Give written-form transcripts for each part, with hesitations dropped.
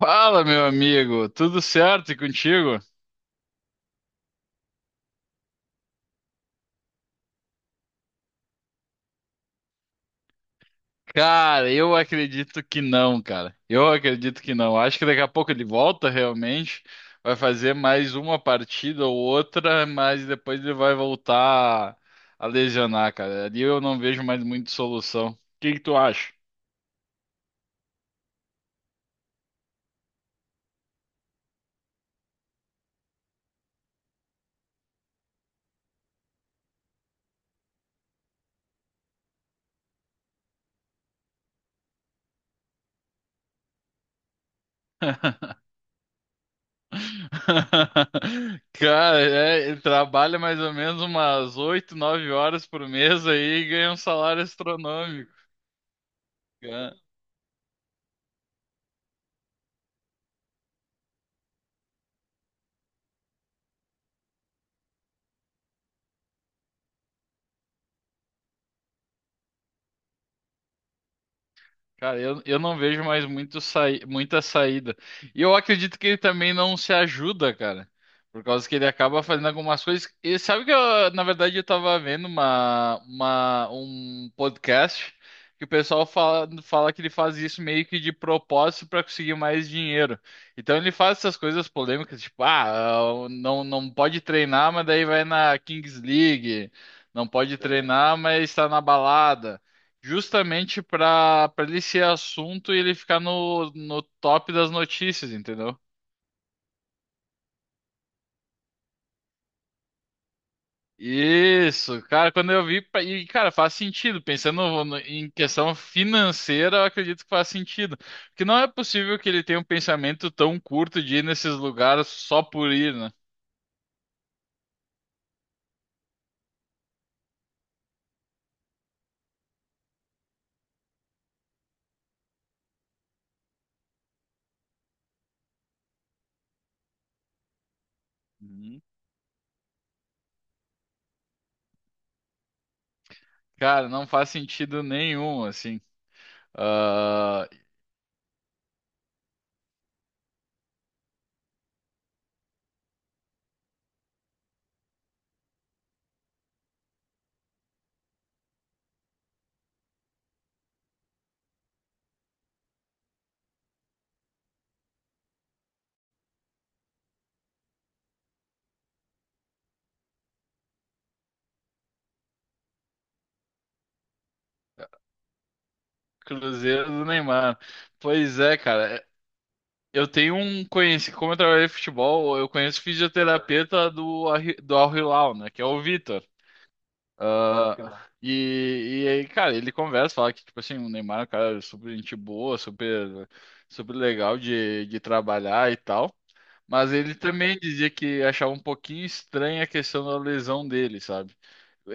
Fala, meu amigo, tudo certo e contigo? Cara, eu acredito que não, cara. Eu acredito que não. Acho que daqui a pouco ele volta realmente, vai fazer mais uma partida ou outra, mas depois ele vai voltar a lesionar, cara. Ali eu não vejo mais muita solução. O que que tu acha? Cara, ele trabalha mais ou menos umas 8, 9 horas por mês aí e ganha um salário astronômico. Cara, eu não vejo mais muito saí muita saída. E eu acredito que ele também não se ajuda, cara. Por causa que ele acaba fazendo algumas coisas. E sabe que eu, na verdade, eu tava vendo um podcast que o pessoal fala que ele faz isso meio que de propósito para conseguir mais dinheiro. Então ele faz essas coisas polêmicas, tipo, ah, não, não pode treinar, mas daí vai na Kings League. Não pode treinar, mas está na balada justamente para ele ser assunto e ele ficar no top das notícias, entendeu? Isso, cara, quando eu vi, e cara, faz sentido, pensando em questão financeira, eu acredito que faz sentido, porque não é possível que ele tenha um pensamento tão curto de ir nesses lugares só por ir, né? Uhum. Cara, não faz sentido nenhum, assim. Ah, Cruzeiro do Neymar. Pois é, cara. Eu tenho um conhecido, como eu trabalhei em futebol, eu conheço fisioterapeuta do Al Hilal, né? Que é o Vitor. Ah, Ah, cara. E aí, cara, ele conversa, fala que, tipo assim, o Neymar é um cara super gente boa, super, super legal de trabalhar e tal. Mas ele também dizia que achava um pouquinho estranha a questão da lesão dele, sabe?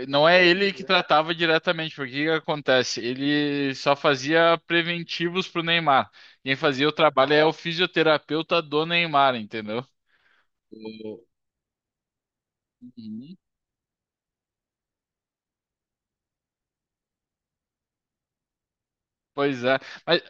Não é ele que tratava diretamente, porque o que que acontece? Ele só fazia preventivos pro Neymar. Quem fazia o trabalho é o fisioterapeuta do Neymar, entendeu? O- Uhum. Pois é. Mas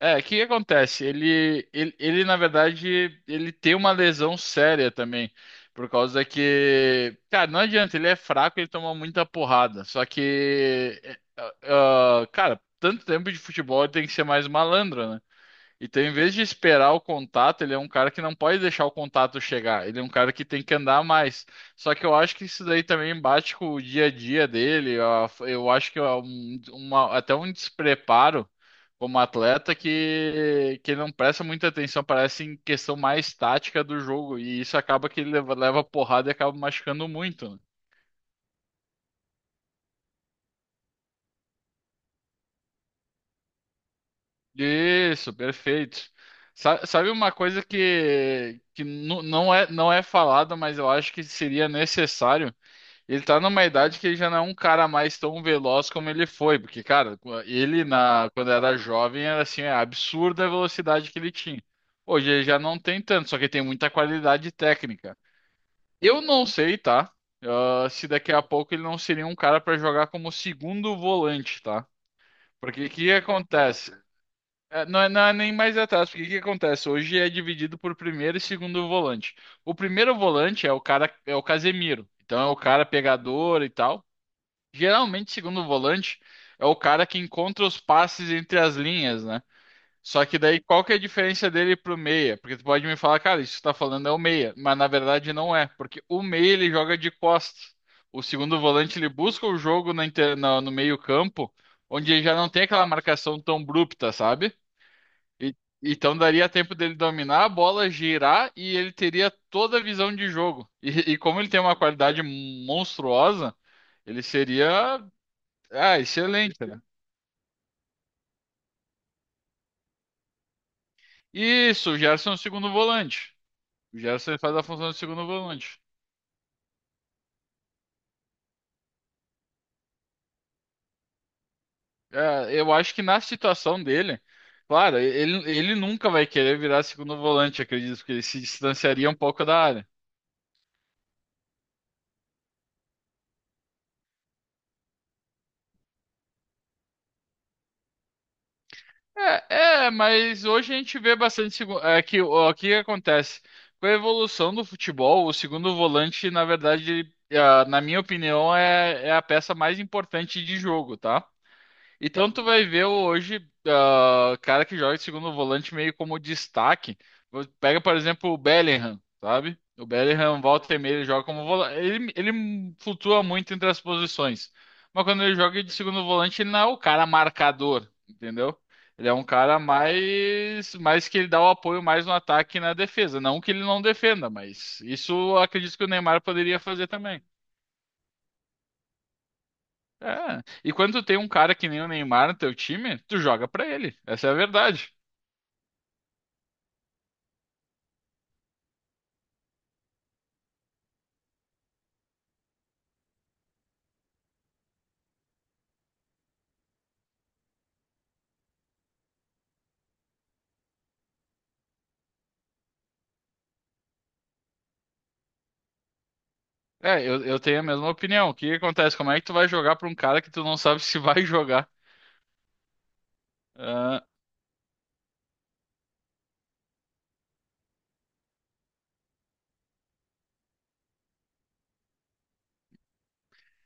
o que que acontece? Ele, na verdade, ele tem uma lesão séria também. Por causa que, cara, não adianta, ele é fraco, ele toma muita porrada. Só que, cara, tanto tempo de futebol ele tem que ser mais malandro, né? Então, em vez de esperar o contato, ele é um cara que não pode deixar o contato chegar. Ele é um cara que tem que andar mais. Só que eu acho que isso daí também bate com o dia a dia dele. Eu acho que é até um despreparo como atleta que ele não presta muita atenção, parece em questão mais tática do jogo. E isso acaba que ele leva porrada e acaba machucando muito, né? Isso, perfeito. Sabe uma coisa que não é falada, mas eu acho que seria necessário? Ele tá numa idade que ele já não é um cara mais tão veloz como ele foi, porque, cara, quando era jovem era assim, é absurda a velocidade que ele tinha. Hoje ele já não tem tanto, só que tem muita qualidade técnica. Eu não sei, tá? Ah, se daqui a pouco ele não seria um cara para jogar como segundo volante, tá? Porque o que acontece? Não é nem mais atrás, porque o que acontece? Hoje é dividido por primeiro e segundo volante. O primeiro volante é o cara, é o Casemiro, então é o cara pegador e tal. Geralmente, segundo volante é o cara que encontra os passes entre as linhas, né? Só que daí qual que é a diferença dele pro meia? Porque tu pode me falar, cara, isso que tu tá falando é o meia, mas na verdade não é, porque o meia ele joga de costas. O segundo volante ele busca o jogo no meio-campo, onde ele já não tem aquela marcação tão abrupta, sabe? E- Então daria tempo dele dominar a bola, girar e ele teria toda a visão de jogo. E como ele tem uma qualidade monstruosa, ele seria, excelente, né? Isso, o Gerson é o segundo volante. O Gerson faz a função de segundo volante. É, eu acho que na situação dele, claro, ele nunca vai querer virar segundo volante, acredito, porque ele se distanciaria um pouco da área. Mas hoje a gente vê bastante que o que acontece com a evolução do futebol, o segundo volante, na verdade, na minha opinião, é a peça mais importante de jogo, tá? Então tu vai ver hoje cara que joga de segundo volante meio como destaque. Pega, por exemplo, o Bellingham, sabe? O Bellingham volta e meia ele joga como volante. Ele flutua muito entre as posições. Mas quando ele joga de segundo volante, ele não é o cara marcador, entendeu? Ele é um cara mais que ele dá o apoio mais no ataque e na defesa. Não que ele não defenda, mas isso eu acredito que o Neymar poderia fazer também. É. E quando tu tem um cara que nem o Neymar no teu time, tu joga pra ele. Essa é a verdade. É, eu tenho a mesma opinião. O que que acontece? Como é que tu vai jogar pra um cara que tu não sabe se vai jogar? Ah,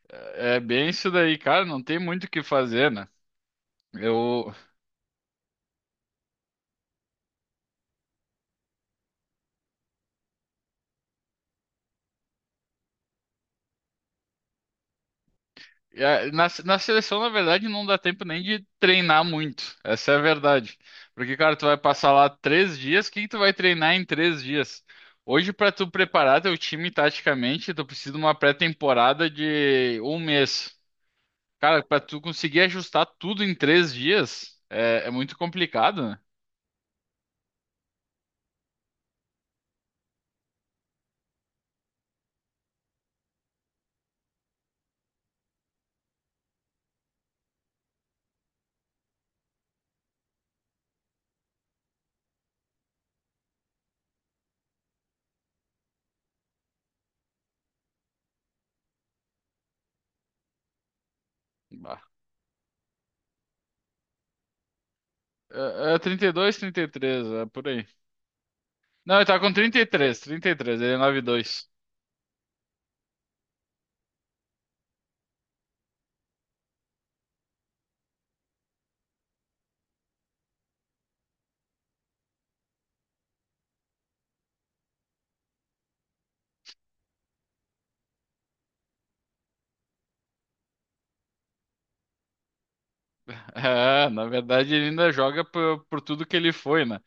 é bem isso daí, cara. Não tem muito o que fazer, né? Eu, na seleção, na verdade, não dá tempo nem de treinar muito. Essa é a verdade. Porque, cara, tu vai passar lá três dias. O que que tu vai treinar em três dias? Hoje, pra tu preparar teu time taticamente, tu precisa de uma pré-temporada de um mês. Cara, pra tu conseguir ajustar tudo em três dias é muito complicado, né? Bah. É 32, 33, é por aí. Não, ele tá com 33, 33, ele é 9-2. É, na verdade ele ainda joga por tudo que ele foi, né?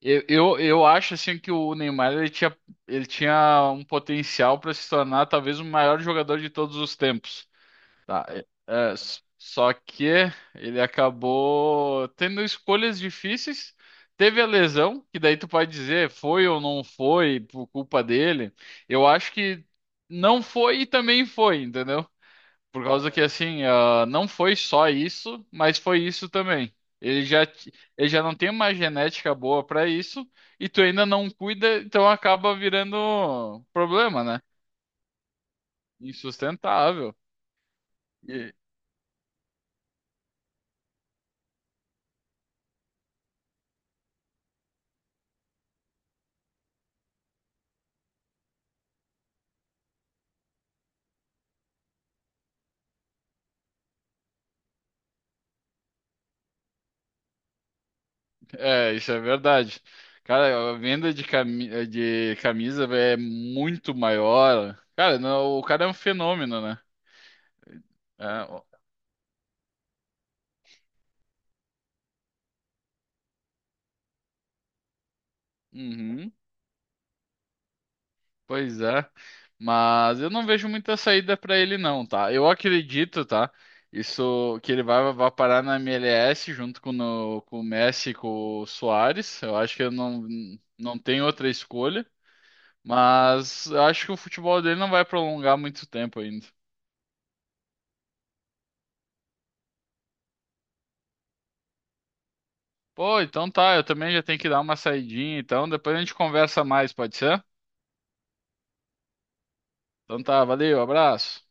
Eu acho assim que o Neymar ele tinha um potencial pra se tornar talvez o maior jogador de todos os tempos. Tá, só que ele acabou tendo escolhas difíceis. Teve a lesão, que daí tu pode dizer foi ou não foi por culpa dele. Eu acho que não foi e também foi, entendeu? Por causa que assim, não foi só isso, mas foi isso também. Ele já, t- ele já não tem uma genética boa pra isso e tu ainda não cuida, então acaba virando problema, né? Insustentável. É, isso é verdade. Cara, a venda de camisa é muito maior. Cara, não, o cara é um fenômeno, né? É, ó. Uhum, pois é. Mas eu não vejo muita saída pra ele, não, tá? Eu acredito, tá? Isso que ele vai parar na MLS junto com, no- com o Messi e com o Soares. Eu acho que eu não, não tem outra escolha. Mas eu acho que o futebol dele não vai prolongar muito tempo ainda. Pô, então tá, eu também já tenho que dar uma saidinha, então depois a gente conversa mais, pode ser? Então tá, valeu, abraço.